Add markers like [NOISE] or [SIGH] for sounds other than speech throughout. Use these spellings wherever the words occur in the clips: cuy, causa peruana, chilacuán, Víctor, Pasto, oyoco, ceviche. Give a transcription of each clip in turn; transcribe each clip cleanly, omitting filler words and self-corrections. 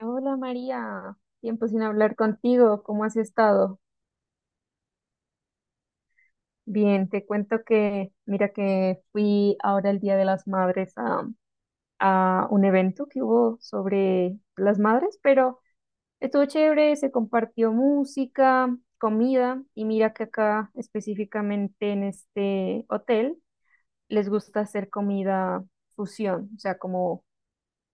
Hola María, tiempo sin hablar contigo, ¿cómo has estado? Bien, te cuento que, mira que fui ahora el Día de las Madres a un evento que hubo sobre las madres, pero estuvo chévere, se compartió música, comida y mira que acá específicamente en este hotel les gusta hacer comida fusión, o sea, como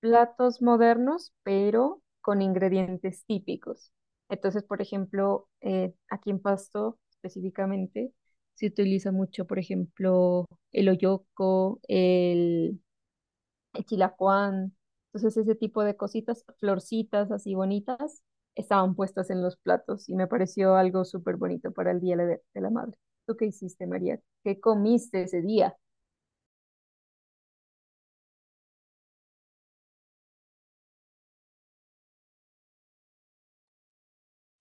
platos modernos, pero con ingredientes típicos. Entonces, por ejemplo, aquí en Pasto específicamente se utiliza mucho, por ejemplo, el oyoco, el chilacuán. Entonces, ese tipo de cositas, florcitas así bonitas, estaban puestas en los platos y me pareció algo súper bonito para el Día de la Madre. ¿Tú qué hiciste, María? ¿Qué comiste ese día?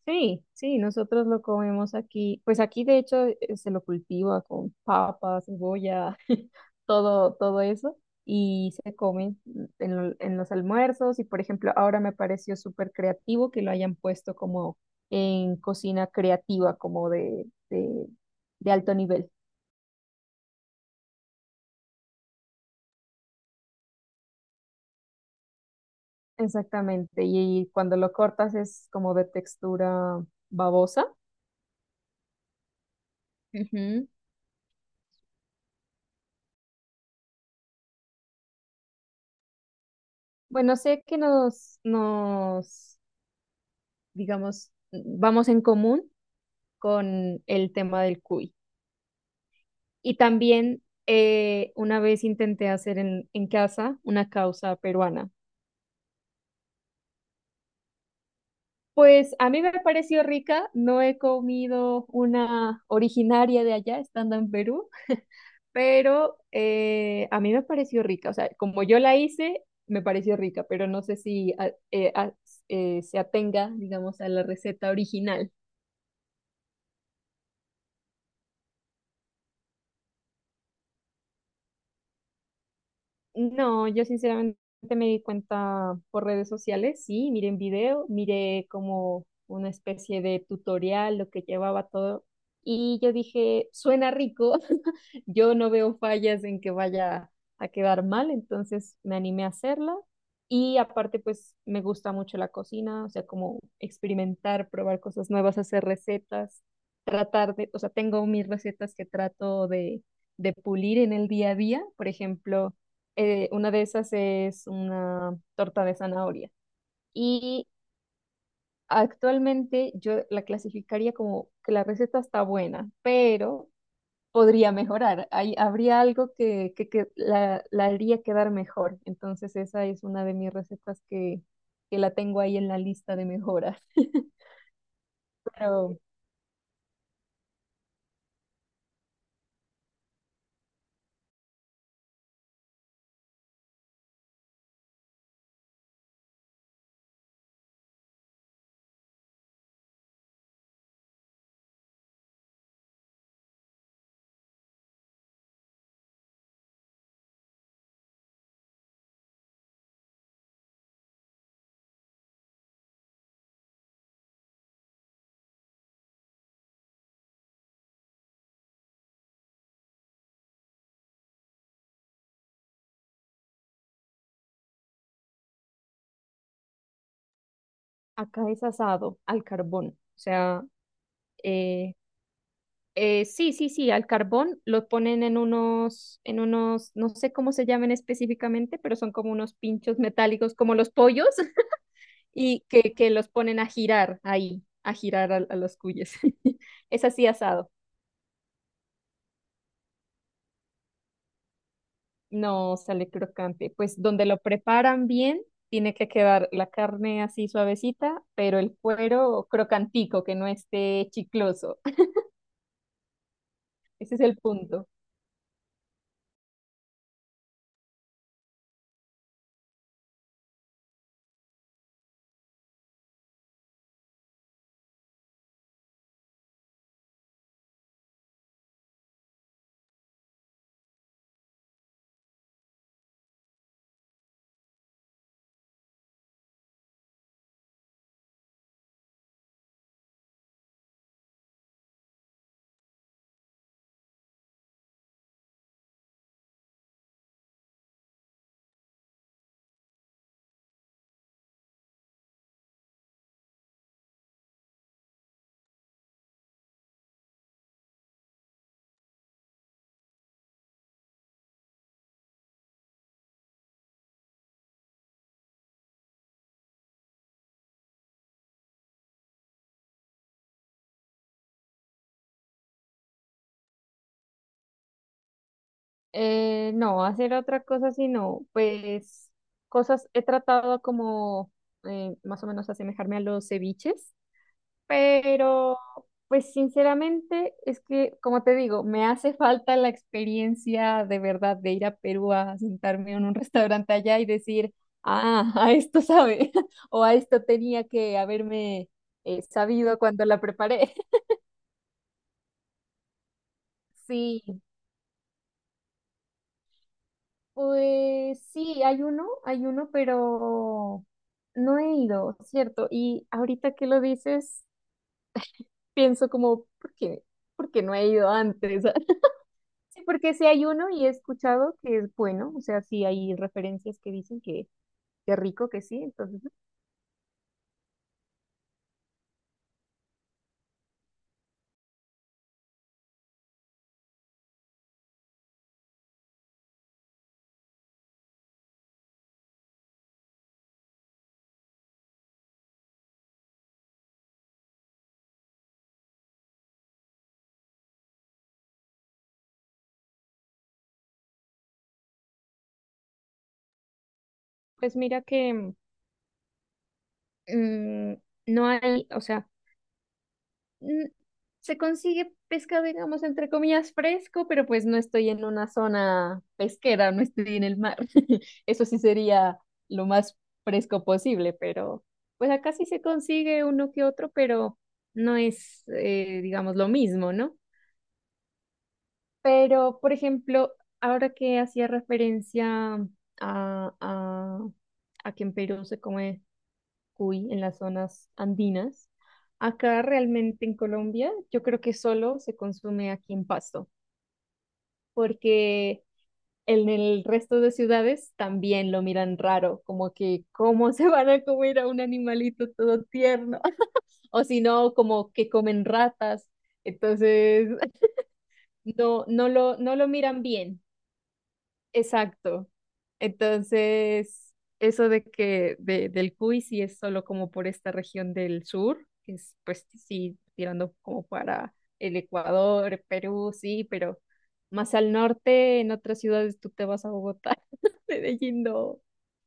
Sí, sí, nosotros lo comemos aquí. Pues aquí de hecho se lo cultiva con papa, cebolla, [LAUGHS] todo eso. Y se come en los almuerzos. Y por ejemplo, ahora me pareció súper creativo que lo hayan puesto como en cocina creativa, como de alto nivel. Exactamente. Y cuando lo cortas es como de textura babosa. Ujú. Bueno, sé que nos digamos, vamos en común con el tema del cuy. Y también una vez intenté hacer en casa una causa peruana. Pues a mí me pareció rica, no he comido una originaria de allá estando en Perú, pero a mí me pareció rica, o sea, como yo la hice, me pareció rica, pero no sé si se atenga, digamos, a la receta original. No, yo sinceramente me di cuenta por redes sociales, sí, miré un video, miré como una especie de tutorial, lo que llevaba todo, y yo dije, suena rico, [LAUGHS] yo no veo fallas en que vaya a quedar mal, entonces me animé a hacerla, y aparte pues me gusta mucho la cocina, o sea, como experimentar, probar cosas nuevas, hacer recetas, tratar de, o sea, tengo mis recetas que trato de pulir en el día a día, por ejemplo una de esas es una torta de zanahoria. Y actualmente yo la clasificaría como que la receta está buena, pero podría mejorar. Hay, habría algo que la haría quedar mejor. Entonces esa es una de mis recetas que la tengo ahí en la lista de mejoras. [LAUGHS] Pero acá es asado al carbón. O sea, eh, sí, sí, sí, al carbón lo ponen en unos, no sé cómo se llaman específicamente, pero son como unos pinchos metálicos, como los pollos, [LAUGHS] y que los ponen a girar ahí, a girar a los cuyes. [LAUGHS] Es así asado, no sale crocante. Pues donde lo preparan bien, tiene que quedar la carne así suavecita, pero el cuero crocantico, que no esté chicloso. [LAUGHS] Ese es el punto. No, hacer otra cosa sino, pues cosas he tratado como más o menos asemejarme a los ceviches, pero pues sinceramente es que, como te digo, me hace falta la experiencia de verdad de ir a Perú a sentarme en un restaurante allá y decir, ah, a esto sabe, [LAUGHS] o a esto tenía que haberme sabido cuando la preparé. [LAUGHS] Sí, pues sí, hay uno, pero no he ido, ¿cierto? Y ahorita que lo dices, pienso como, ¿por qué? ¿Por qué no he ido antes? [LAUGHS] Sí, porque sí hay uno y he escuchado que es bueno, o sea, sí hay referencias que dicen que rico, que sí, entonces, pues mira que mm, no hay, o sea... mm, se consigue pescado, digamos, entre comillas, fresco, pero pues no estoy en una zona pesquera, no estoy en el mar. [LAUGHS] Eso sí sería lo más fresco posible, pero pues acá sí se consigue uno que otro, pero no es, digamos, lo mismo, ¿no? Pero, por ejemplo, ahora que hacía referencia a, a que en Perú se come cuy en las zonas andinas. Acá realmente en Colombia yo creo que solo se consume aquí en Pasto, porque en el resto de ciudades también lo miran raro, como que cómo se van a comer a un animalito todo tierno, [LAUGHS] o si no, como que comen ratas. Entonces, [LAUGHS] no lo miran bien. Exacto. Entonces, eso de que del Cuy sí es solo como por esta región del sur, que es pues sí, tirando como para el Ecuador, Perú, sí, pero más al norte, en otras ciudades tú te vas a Bogotá, [LAUGHS] Medellín no,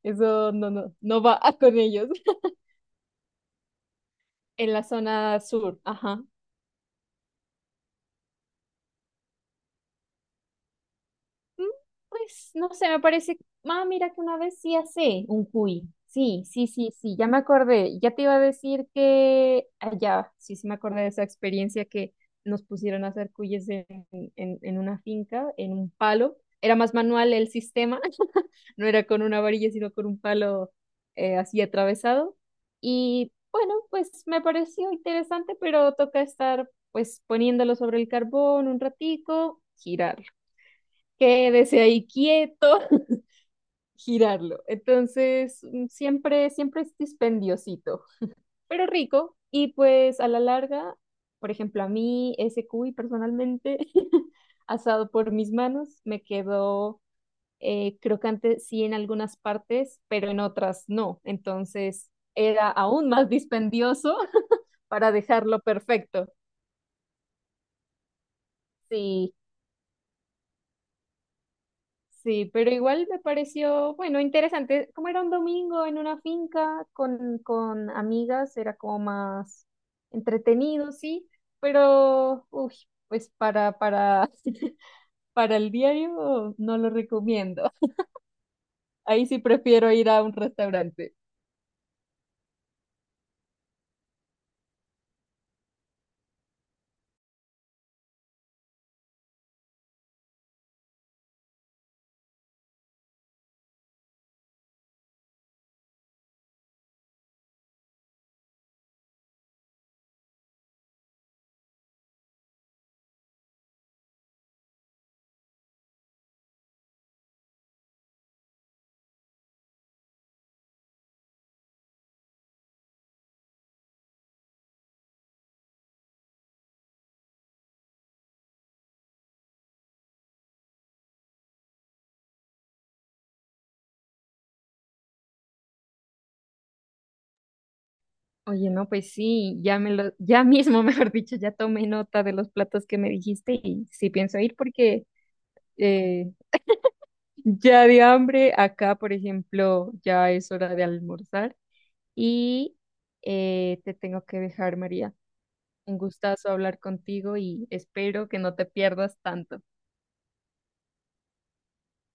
eso no va con ellos. [LAUGHS] En la zona sur, ajá. Mm, pues no sé, me parece. Ah, mira que una vez sí hace un cuy. Sí, sí, sí, sí, ya me acordé. Ya te iba a decir que allá, sí, sí me acordé de esa experiencia que nos pusieron a hacer cuyes en una finca, en un palo. Era más manual el sistema, [LAUGHS] no era con una varilla, sino con un palo así atravesado. Y bueno, pues me pareció interesante, pero toca estar pues poniéndolo sobre el carbón un ratico, girar quédese ahí quieto, [LAUGHS] girarlo. Entonces, siempre, siempre es dispendiosito, pero rico. Y pues a la larga, por ejemplo, a mí ese cuy personalmente, [LAUGHS] asado por mis manos, me quedó crocante sí en algunas partes, pero en otras no. Entonces, era aún más dispendioso [LAUGHS] para dejarlo perfecto. Sí, sí, pero igual me pareció, bueno, interesante. Como era un domingo en una finca con amigas, era como más entretenido, sí, pero, uy, pues [LAUGHS] para el diario no lo recomiendo. Ahí sí prefiero ir a un restaurante. Oye, no, pues sí, ya me lo, ya mismo, [LAUGHS] mejor dicho, ya tomé nota de los platos que me dijiste y sí pienso ir porque eh, ya de hambre, acá, por ejemplo, ya es hora de almorzar. Y te tengo que dejar, María. Un gustazo hablar contigo y espero que no te pierdas tanto.